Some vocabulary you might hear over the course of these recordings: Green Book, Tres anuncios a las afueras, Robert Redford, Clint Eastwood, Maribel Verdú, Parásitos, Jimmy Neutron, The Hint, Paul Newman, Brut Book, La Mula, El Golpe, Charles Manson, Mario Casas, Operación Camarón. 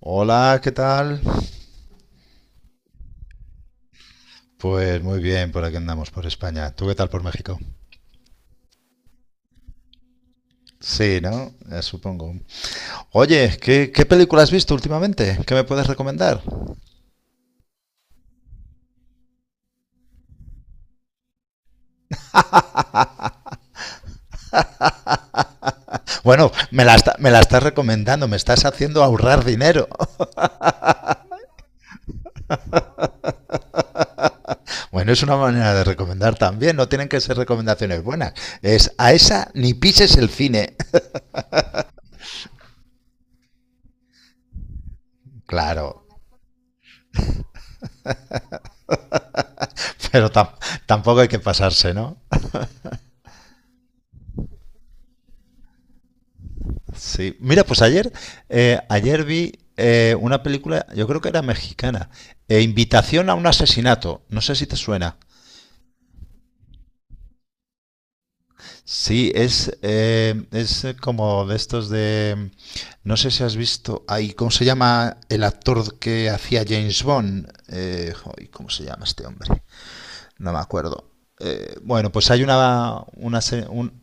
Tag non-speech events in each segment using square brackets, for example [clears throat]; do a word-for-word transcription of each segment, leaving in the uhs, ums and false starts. Hola, ¿qué tal? Pues muy bien, por aquí andamos, por España. ¿Tú qué tal por México? Sí, ¿no? Eh, supongo. Oye, ¿qué, qué película has visto últimamente? ¿Qué me puedes recomendar? Bueno, me la, está- me la estás recomendando, me estás haciendo ahorrar dinero. [laughs] Bueno, es una manera de recomendar también, no tienen que ser recomendaciones buenas. Es a esa ni pises el cine. [laughs] Claro, pero tam- tampoco hay que pasarse, ¿no? Sí. Mira, pues ayer, eh, ayer vi eh, una película, yo creo que era mexicana, eh, Invitación a un asesinato. No sé si te suena. Sí, es, eh, es eh, como de estos de... No sé si has visto... Ay, ¿cómo se llama el actor que hacía James Bond? Eh, ay, ¿Cómo se llama este hombre? No me acuerdo. Eh, bueno, pues hay una, una se- un-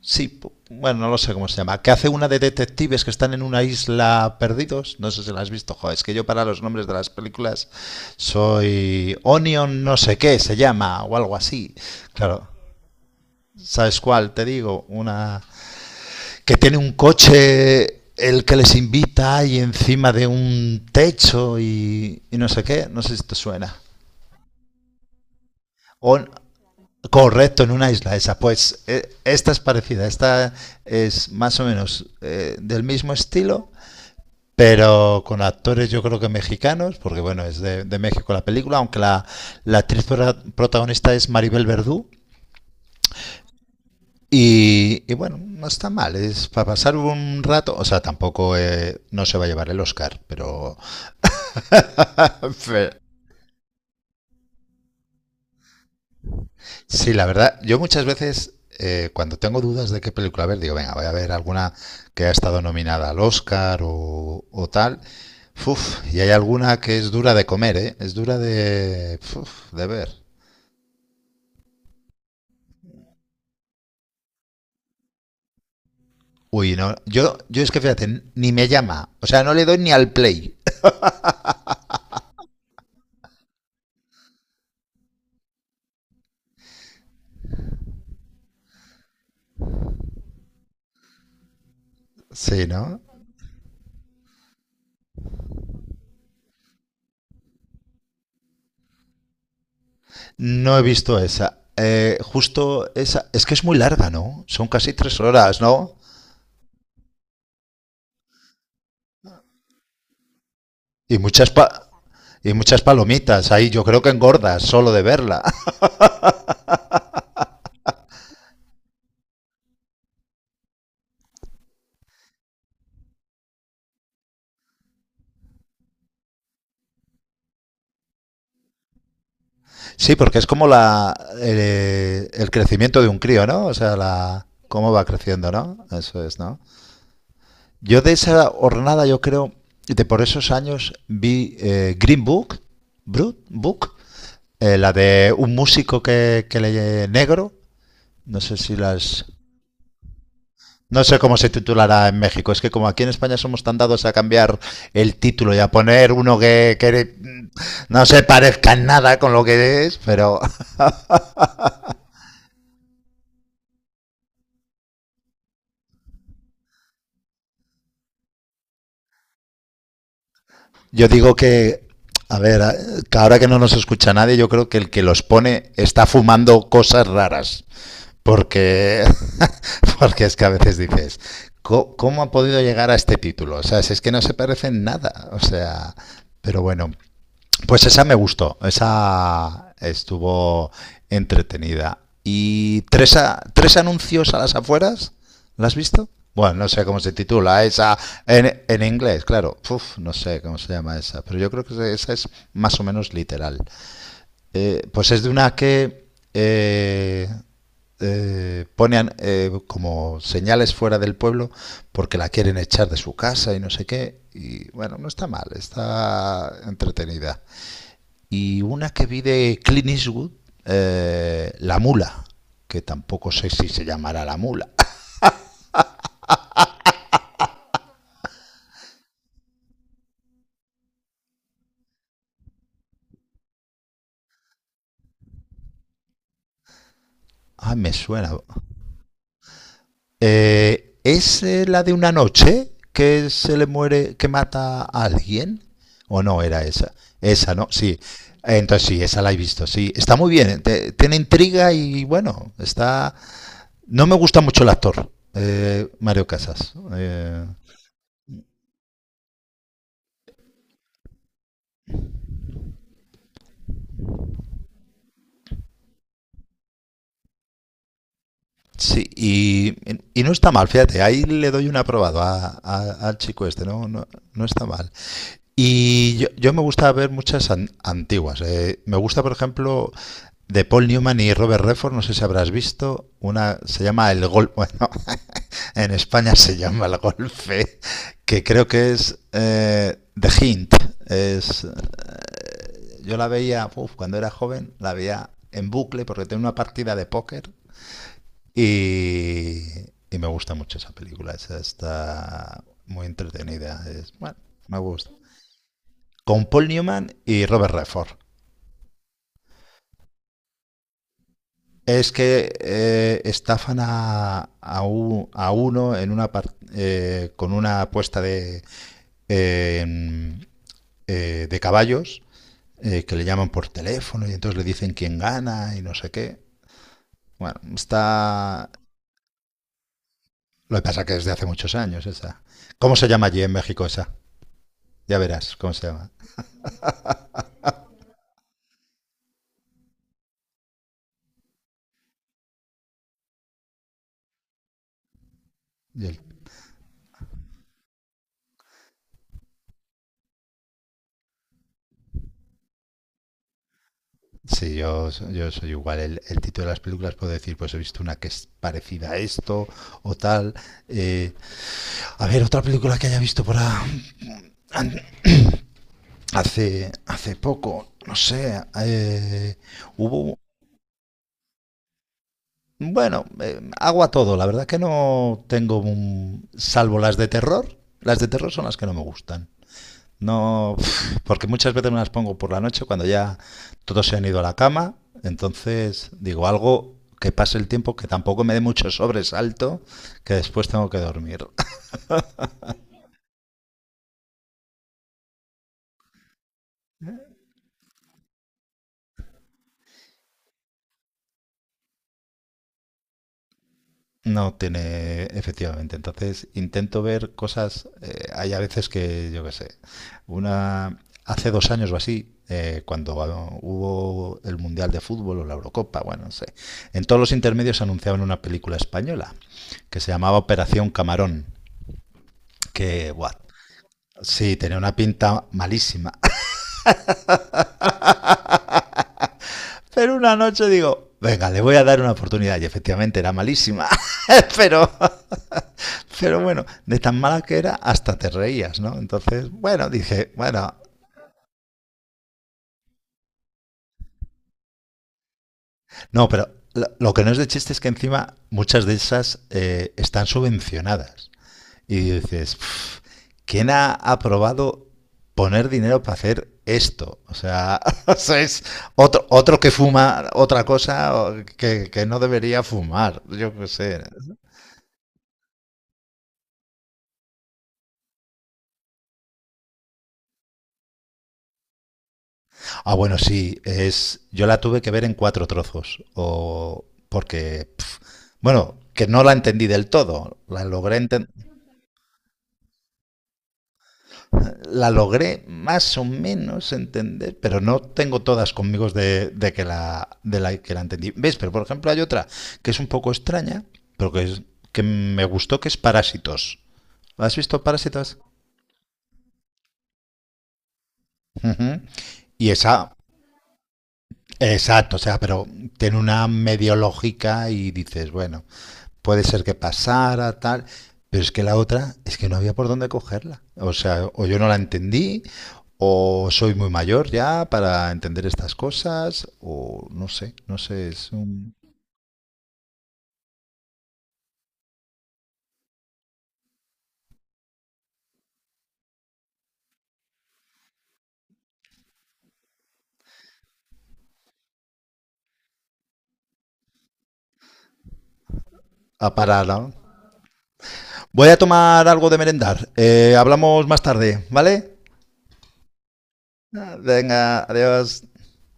Sí, bueno, no lo sé cómo se llama. Que hace una de detectives que están en una isla perdidos. No sé si la has visto, joder. Es que yo para los nombres de las películas soy Onion no sé qué se llama o algo así. Claro. ¿Sabes cuál? Te digo, una que tiene un coche el que les invita y encima de un techo y, y no sé qué. No sé si te suena. On- Correcto, en una isla esa. Pues eh, esta es parecida, esta es más o menos eh, del mismo estilo, pero con actores yo creo que mexicanos, porque bueno, es de, de México la película, aunque la, la actriz prota- protagonista es Maribel Verdú. Y, y bueno, no está mal, es para pasar un rato, o sea, tampoco eh, no se va a llevar el Oscar, pero [laughs] sí, la verdad, yo muchas veces eh, cuando tengo dudas de qué película ver, digo, venga, voy a ver alguna que ha estado nominada al Oscar o, o tal. Uf, y hay alguna que es dura de comer, ¿eh? Es dura de, uf, de ver. Uy, no. Yo, yo es que fíjate, ni me llama. O sea, no le doy ni al play. Sí, ¿no? No he visto esa. Eh, justo esa. Es que es muy larga, ¿no? Son casi tres horas, ¿no? Y muchas pa- y muchas palomitas. Ahí yo creo que engordas solo de verla. [laughs] Sí, porque es como la eh, el, crecimiento de un crío, ¿no? O sea, la cómo va creciendo, ¿no? Eso es, ¿no? Yo de esa hornada yo creo, de por esos años vi eh, Green Book, Brut Book. Eh, la de un músico que, que le negro, no sé si las... No sé cómo se titulará en México. Es que como aquí en España somos tan dados a cambiar el título y a poner uno que, que no se parezca en nada con lo que es, pero [laughs] yo digo que, a ver, que ahora que no nos escucha nadie, yo creo que el que los pone está fumando cosas raras. Porque, [laughs] porque es que a veces dices, ¿cómo, cómo ha podido llegar a este título? O sea, si es que no se parece en nada. O sea, pero bueno, pues esa me gustó, esa estuvo entretenida. ¿Y tres, a- tres anuncios a las afueras? ¿La has visto? Bueno, no sé cómo se titula esa en, en inglés, claro. Uf, no sé cómo se llama esa, pero yo creo que esa es más o menos literal. Eh, pues es de una que eh, eh, pone an- eh, como señales fuera del pueblo porque la quieren echar de su casa y no sé qué. Y bueno, no está mal, está entretenida y una que vi de Clint Eastwood, eh, La Mula, que tampoco sé si se llamará La Mula. Ah, me suena. Eh, ¿Es eh, la de una noche que se le muere, que mata a alguien? ¿O no era esa? Esa, ¿no? Sí. Entonces sí, esa la he visto, sí. Está muy bien, te- tiene intriga y bueno, está... No me gusta mucho el actor, eh, Mario Casas. Eh, Sí, y, y no está mal, fíjate, ahí le doy un aprobado a- a- al chico este, no, no, no está mal. Y yo, yo me gusta ver muchas an- antiguas. eh, me gusta, por ejemplo, de Paul Newman y Robert Redford, no sé si habrás visto, una se llama El Golpe. [laughs] Bueno, en España se llama El Golpe, que creo que es eh, The Hint. Es, yo la veía, uf, cuando era joven, la veía en bucle porque tenía una partida de póker, y, y me gusta mucho esa película. Esa está muy entretenida. Es, bueno, me gusta. Con Paul Newman y Robert Redford. Es que eh, estafan a, a, u- a uno en una par- eh, con una apuesta de, eh, eh, de caballos eh, que le llaman por teléfono y entonces le dicen quién gana y no sé qué. Bueno, está... Lo que pasa es que es de hace muchos años esa. ¿Cómo se llama allí en México esa? Ya verás cómo se llama. Y el Sí, yo, so- yo soy igual. El, el título de las películas puedo decir, pues he visto una que es parecida a esto o tal. Eh, a ver, otra película que haya visto por a- an- [clears throat] hace, hace poco, no sé. eh, hubo, bueno, eh, hago a todo. La verdad que no tengo un- salvo las de terror. Las de terror son las que no me gustan. No, porque muchas veces me las pongo por la noche cuando ya todos se han ido a la cama. Entonces, digo, algo que pase el tiempo, que tampoco me dé mucho sobresalto, que después tengo que dormir. [laughs] No tiene, efectivamente. Entonces, intento ver cosas. eh, hay a veces que, yo qué sé, una. Hace dos años o así, eh, cuando ah, hubo el Mundial de Fútbol o la Eurocopa, bueno, no sé. En todos los intermedios anunciaban una película española que se llamaba Operación Camarón, que buah, sí, tenía una pinta malísima. [laughs] Pero una noche digo, venga, le voy a dar una oportunidad. Y efectivamente era malísima. [laughs] pero, pero bueno, de tan mala que era, hasta te reías, ¿no? Entonces, bueno, dije, bueno. No, pero lo, que no es de chiste es que encima muchas de esas eh, están subvencionadas. Y dices, "Pf, ¿quién ha aprobado poner dinero para hacer esto? O sea, [laughs] o sea, es otro, otro que fuma otra cosa o que, que no debería fumar, yo qué sé. Ah, bueno, sí, es, yo la tuve que ver en cuatro trozos, o porque, pf, bueno, que no la entendí del todo, la logré enten- la logré más o menos entender, pero no tengo todas conmigo de, de, que, la, de la, que la entendí. ¿Ves? Pero por ejemplo hay otra que es un poco extraña, pero que, es, que me gustó, que es Parásitos. ¿Has visto Parásitos? Uh -huh. Y esa, exacto, o sea, pero tiene una medio lógica y dices, bueno, puede ser que pasara, tal, pero es que la otra es que no había por dónde cogerla. O sea, o yo no la entendí, o soy muy mayor ya para entender estas cosas, o no sé, no sé, es un... A parada. Voy a tomar algo de merendar. Eh, hablamos más tarde, ¿vale? Ah, venga, adiós.